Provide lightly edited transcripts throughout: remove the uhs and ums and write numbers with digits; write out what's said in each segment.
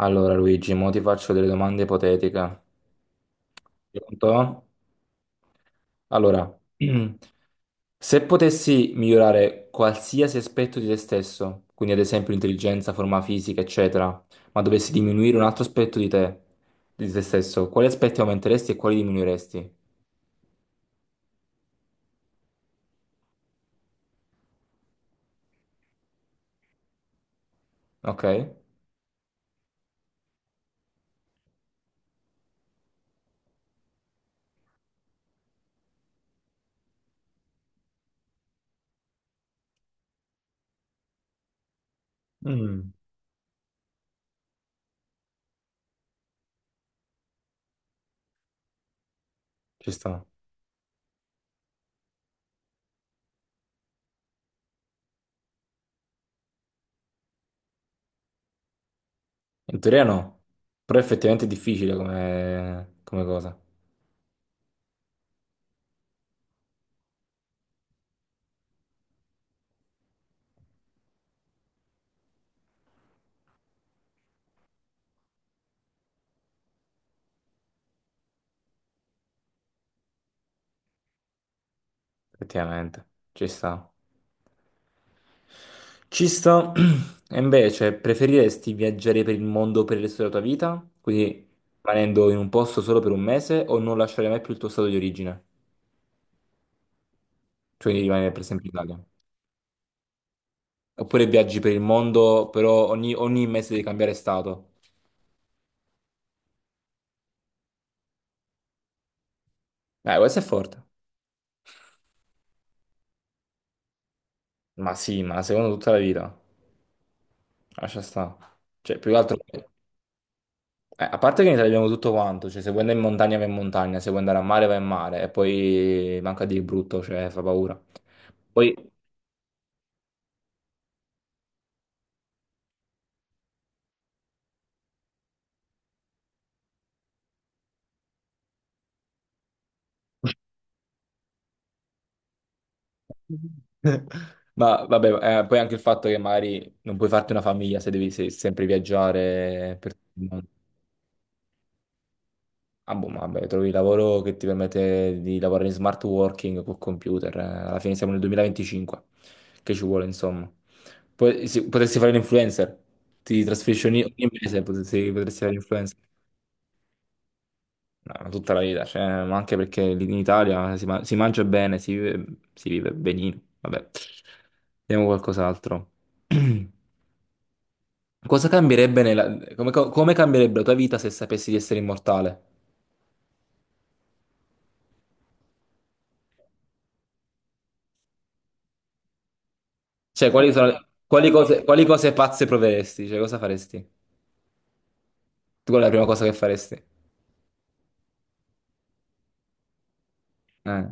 Allora, Luigi, mo ti faccio delle domande ipotetiche. Pronto? Allora, se potessi migliorare qualsiasi aspetto di te stesso, quindi ad esempio l'intelligenza, forma fisica, eccetera, ma dovessi diminuire un altro aspetto di te stesso, quali aspetti aumenteresti e quali diminuiresti? Ok? Mm. Ci sta. In teoria no, però effettivamente è difficile come cosa. Effettivamente, ci sta. Ci sta. E invece, cioè, preferiresti viaggiare per il mondo per il resto della tua vita? Quindi rimanendo in un posto solo per un mese o non lasciare mai più il tuo stato di origine? Cioè di rimanere per sempre in Italia. Oppure viaggi per il mondo, però ogni mese devi cambiare stato. Questo è forte. Ma sì, ma secondo tutta la vita. Lascia sta. Cioè, più che altro. Eh, a parte che in Italia abbiamo tutto quanto. Cioè, se vuoi andare in montagna vai in montagna, se vuoi andare a mare vai in mare. E poi manca di brutto, cioè fa paura. Poi. Ma vabbè, poi anche il fatto che magari non puoi farti una famiglia se devi sempre viaggiare per tutto il mondo. Ah, boh, ma vabbè, trovi il lavoro che ti permette di lavorare in smart working col computer. Eh. Alla fine siamo nel 2025, che ci vuole, insomma. Poi sì, potresti fare l'influencer, ti trasferisci ogni mese, potresti fare l'influencer. No, ma tutta la vita, cioè, ma anche perché lì in Italia si mangia bene, si vive benino. Vabbè, vediamo qualcos'altro. Cosa cambierebbe nella. Come cambierebbe la tua vita se sapessi di essere immortale? Cioè, quali sono quali cose pazze proveresti? Cioè, cosa faresti? Tu Qual è la prima cosa che faresti? Eh,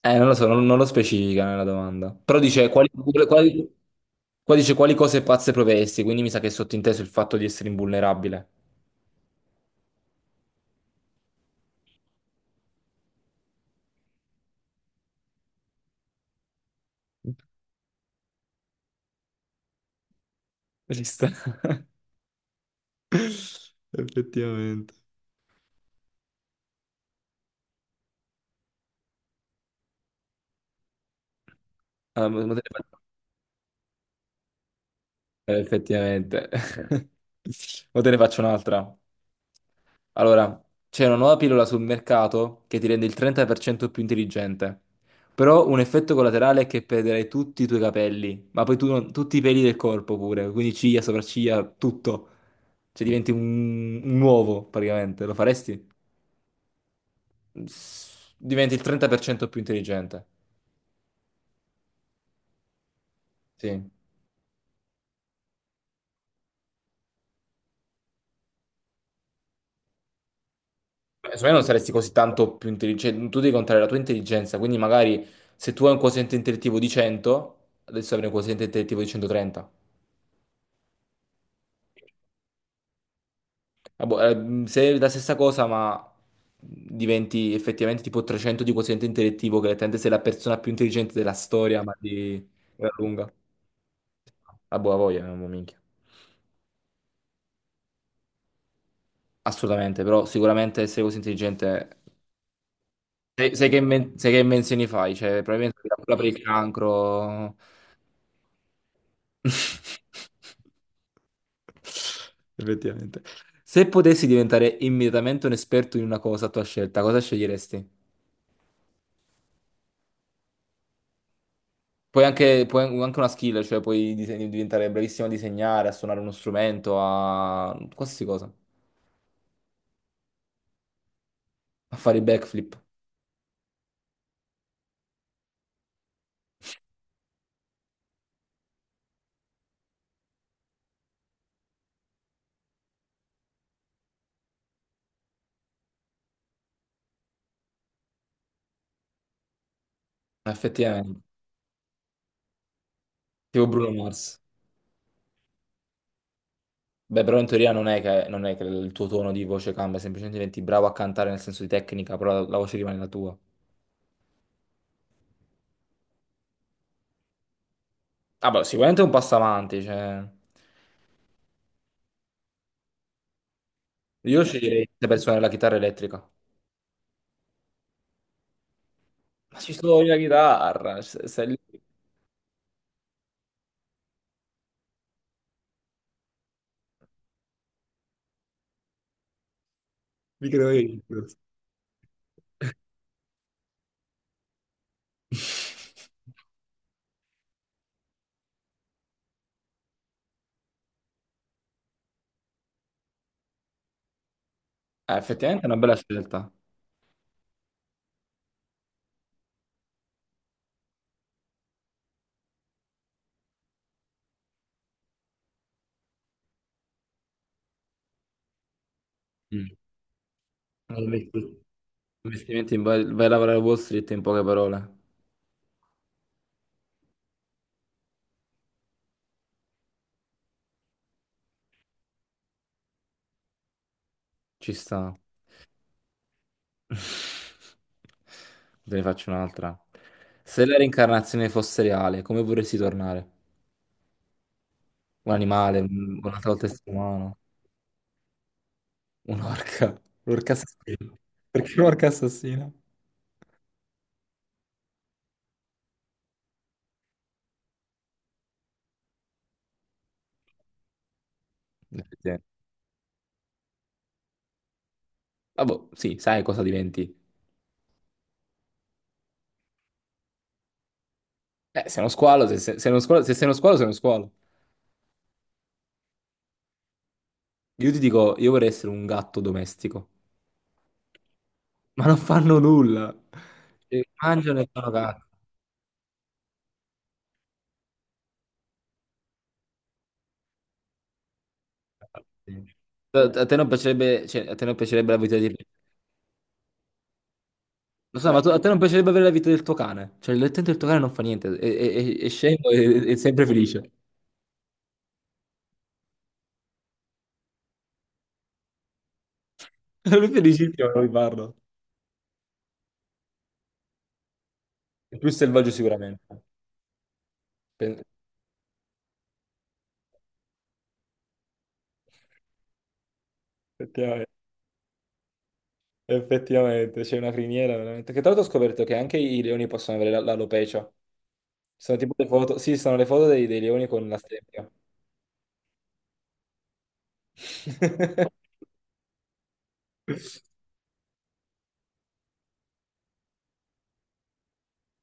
Eh, non lo so, non lo specifica nella domanda. Però dice quali- qua dice quali cose pazze proveresti, quindi mi sa che è sottinteso il fatto di essere invulnerabile. Ci sta. Effettivamente. Ah, ma te ne faccio. Eh, effettivamente. O te ne faccio un'altra. Allora, c'è una nuova pillola sul mercato che ti rende il 30% più intelligente. Però un effetto collaterale è che perderai tutti i tuoi capelli, ma poi tu non- tutti i peli del corpo pure, quindi ciglia, sopracciglia, tutto. Cioè diventi un uovo praticamente, lo faresti? S- Diventi il 30% più intelligente. Sì. Secondo me non saresti così tanto più intelligente, tu devi contare la tua intelligenza, quindi magari se tu hai un quoziente intellettivo di 100, adesso avrai un quoziente intellettivo di 130. Ah, boh, se è la stessa cosa, ma diventi effettivamente tipo 300 di quoziente intellettivo, che letteralmente sei la persona più intelligente della storia, ma di gran lunga. A buona voglia, non mo minchia. Assolutamente, però sicuramente essere così intelligente. Sai che invenzioni fai? Cioè, probabilmente la cura per il cancro. Effettivamente. Se potessi diventare immediatamente un esperto in una cosa a tua scelta, cosa sceglieresti? Puoi anche una skill, cioè puoi diventare bravissimo a disegnare, a suonare uno strumento, a qualsiasi cosa, a fare i backflip, effettivamente. Tipo Bruno Mars. Beh, però in teoria non è che, non è che il tuo tono di voce cambia, semplicemente diventi bravo a cantare nel senso di tecnica, però la voce rimane la tua. Ah, beh, sicuramente è un passo avanti, cioè. Io sceglierei per suonare la chitarra elettrica. Ma ci suoni la chitarra, sei lì. Mi creo io. Effettivamente è una bella scelta. Mm. Investimenti vai a lavorare a Wall Street in poche parole. Ci sta. Te ne faccio un'altra. Se la reincarnazione fosse reale, come vorresti tornare? Un animale, un altro essere umano, un'orca, un'orca assassina. Perché un'orca assassina? Effettivamente. Ah, boh, sì, sai cosa diventi. Sei uno squalo, sei uno squalo, se sei uno squalo, sei uno squalo. Io ti dico, io vorrei essere un gatto domestico. Ma non fanno nulla. E mangiano e fanno cazzo. Sì. A te non piacerebbe, cioè, a te non piacerebbe la vita di. Lo so, ma a te non piacerebbe avere la vita del tuo cane. Cioè, l'attento del tuo cane non fa niente, è scemo e è sempre felice. Lui è felicissimo quando mi parlo. È più selvaggio sicuramente. Pen- Effettivamente, effettivamente, c'è una criniera veramente. Che tra l'altro ho scoperto che anche i leoni possono avere l'alopecia. Sono tipo le foto, sì, sono le foto dei leoni con la strepia.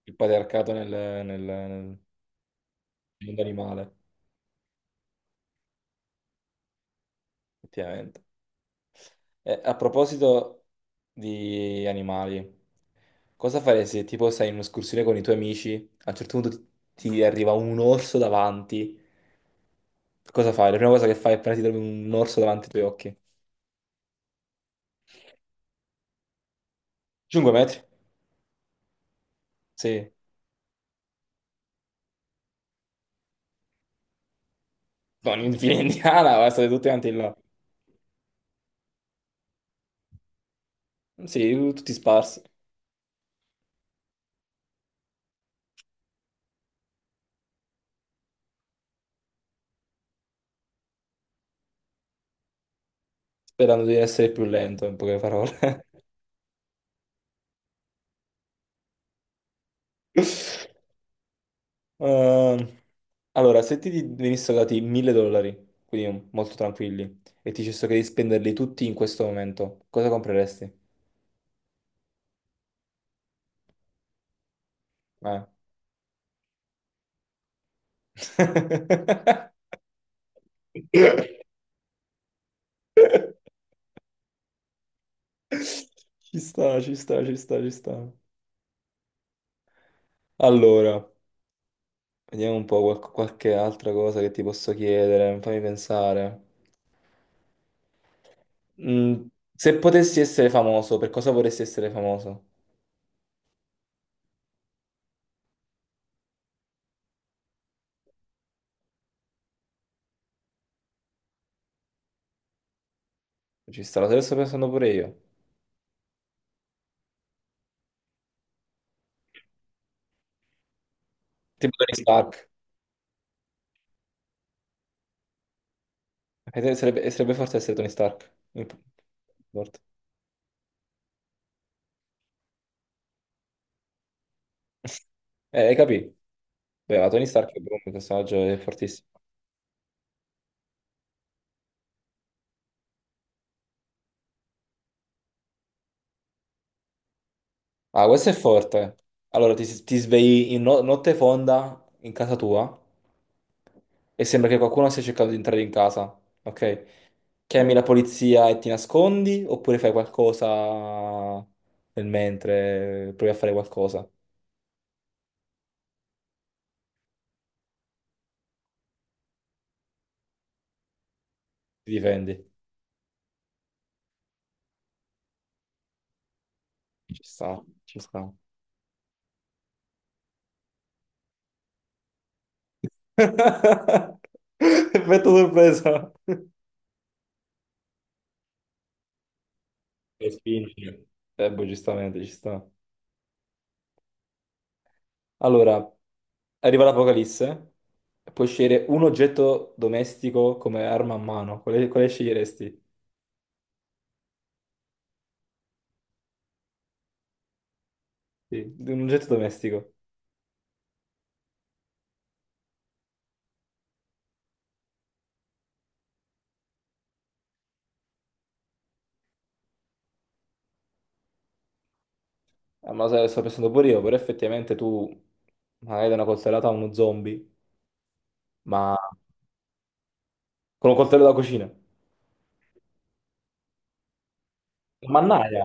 Il patriarcato nel mondo animale, effettivamente. A proposito di animali, cosa faresti se tipo sei in un'escursione con i tuoi amici, a un certo punto ti arriva un orso davanti, cosa fai? La prima cosa che fai appena ti trovi un orso davanti ai tuoi occhi? 5 metri? Sì. Non in fila indiana, ma state tutti quanti là. Sì, tutti sparsi, sperando di essere più lento, in poche parole. Ehm, allora, se ti venissero dati 1000 dollari, quindi molto tranquilli, e ti dicessero che devi spenderli tutti in questo momento, cosa compreresti? Eh. Ci sta, ci sta, ci sta, ci sta. Allora, vediamo un po' qualche altra cosa che ti posso chiedere, fammi pensare. Mm, se potessi essere famoso, per cosa vorresti essere famoso? Ci sta, lo sto pensando pure io. Tipo Tony Stark. E sarebbe forse essere Tony Stark. Forte. Hai capito? Beh, ma Tony Stark è proprio un personaggio è fortissimo. Ah, questo è forte. Allora, ti svegli in notte fonda in casa tua e sembra che qualcuno stia cercando di entrare in casa, ok? Chiami la polizia e ti nascondi oppure fai qualcosa nel mentre, provi a fare qualcosa, ti difendi. Ci sta, ci sta. Effetto sorpresa. Le spingi. Boh, giustamente, ci sta. Allora, arriva l'Apocalisse, puoi scegliere un oggetto domestico come arma a mano. Quale sceglieresti? Sì, un oggetto domestico. Ah, ma lo sai, lo sto pensando pure io, però effettivamente tu magari dai una coltellata a uno zombie, ma con un coltello da cucina. Mannaia,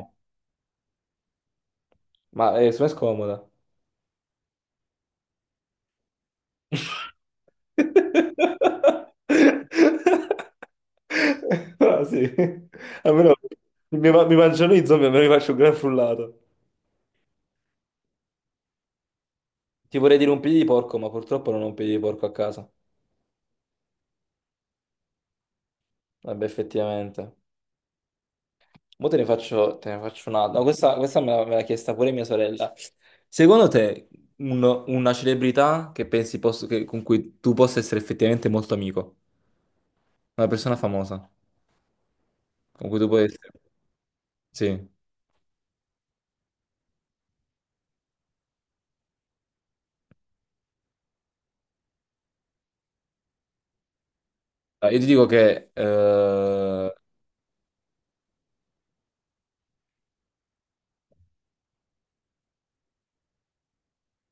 ma è me è scomoda. Ah, sì, almeno mi mangiano i zombie, almeno mi faccio un gran frullato. Ti vorrei dire un piede di porco, ma purtroppo non ho un piede di porco a casa. Vabbè, effettivamente. Mo te ne faccio un'altra. No, questa me l'ha chiesta pure mia sorella. Secondo te, una celebrità che pensi con cui tu possa essere effettivamente molto amico? Una persona famosa con cui tu puoi essere. Sì. Ah, io ti dico che. Eh,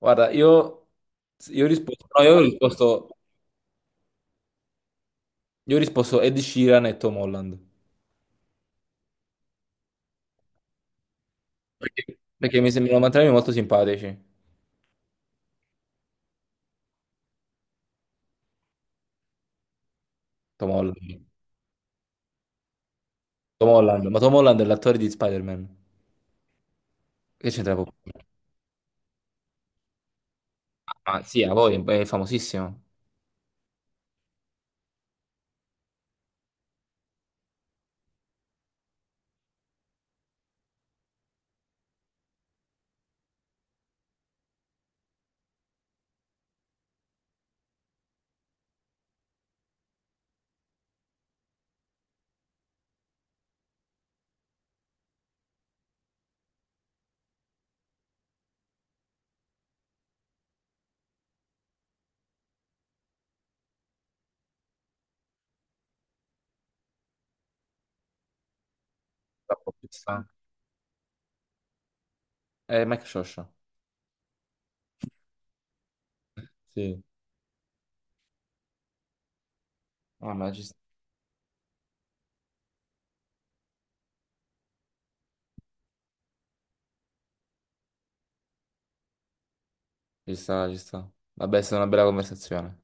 guarda, io. Io ho risposto. No, io ho risposto. Io ho risposto Ed Sheeran e Tom Holland. Perché mi sembrano entrambi molto simpatici, Tom Holland. Tom Holland, ma Tom Holland è l'attore di Spider-Man. Che c'entra poco? Ah, sì, a voi, è famosissimo. Ci sta. È Mike Scioscia. Sì. Ah, ma ci sta, ci sta, ci sta. Vabbè, è stata una bella conversazione.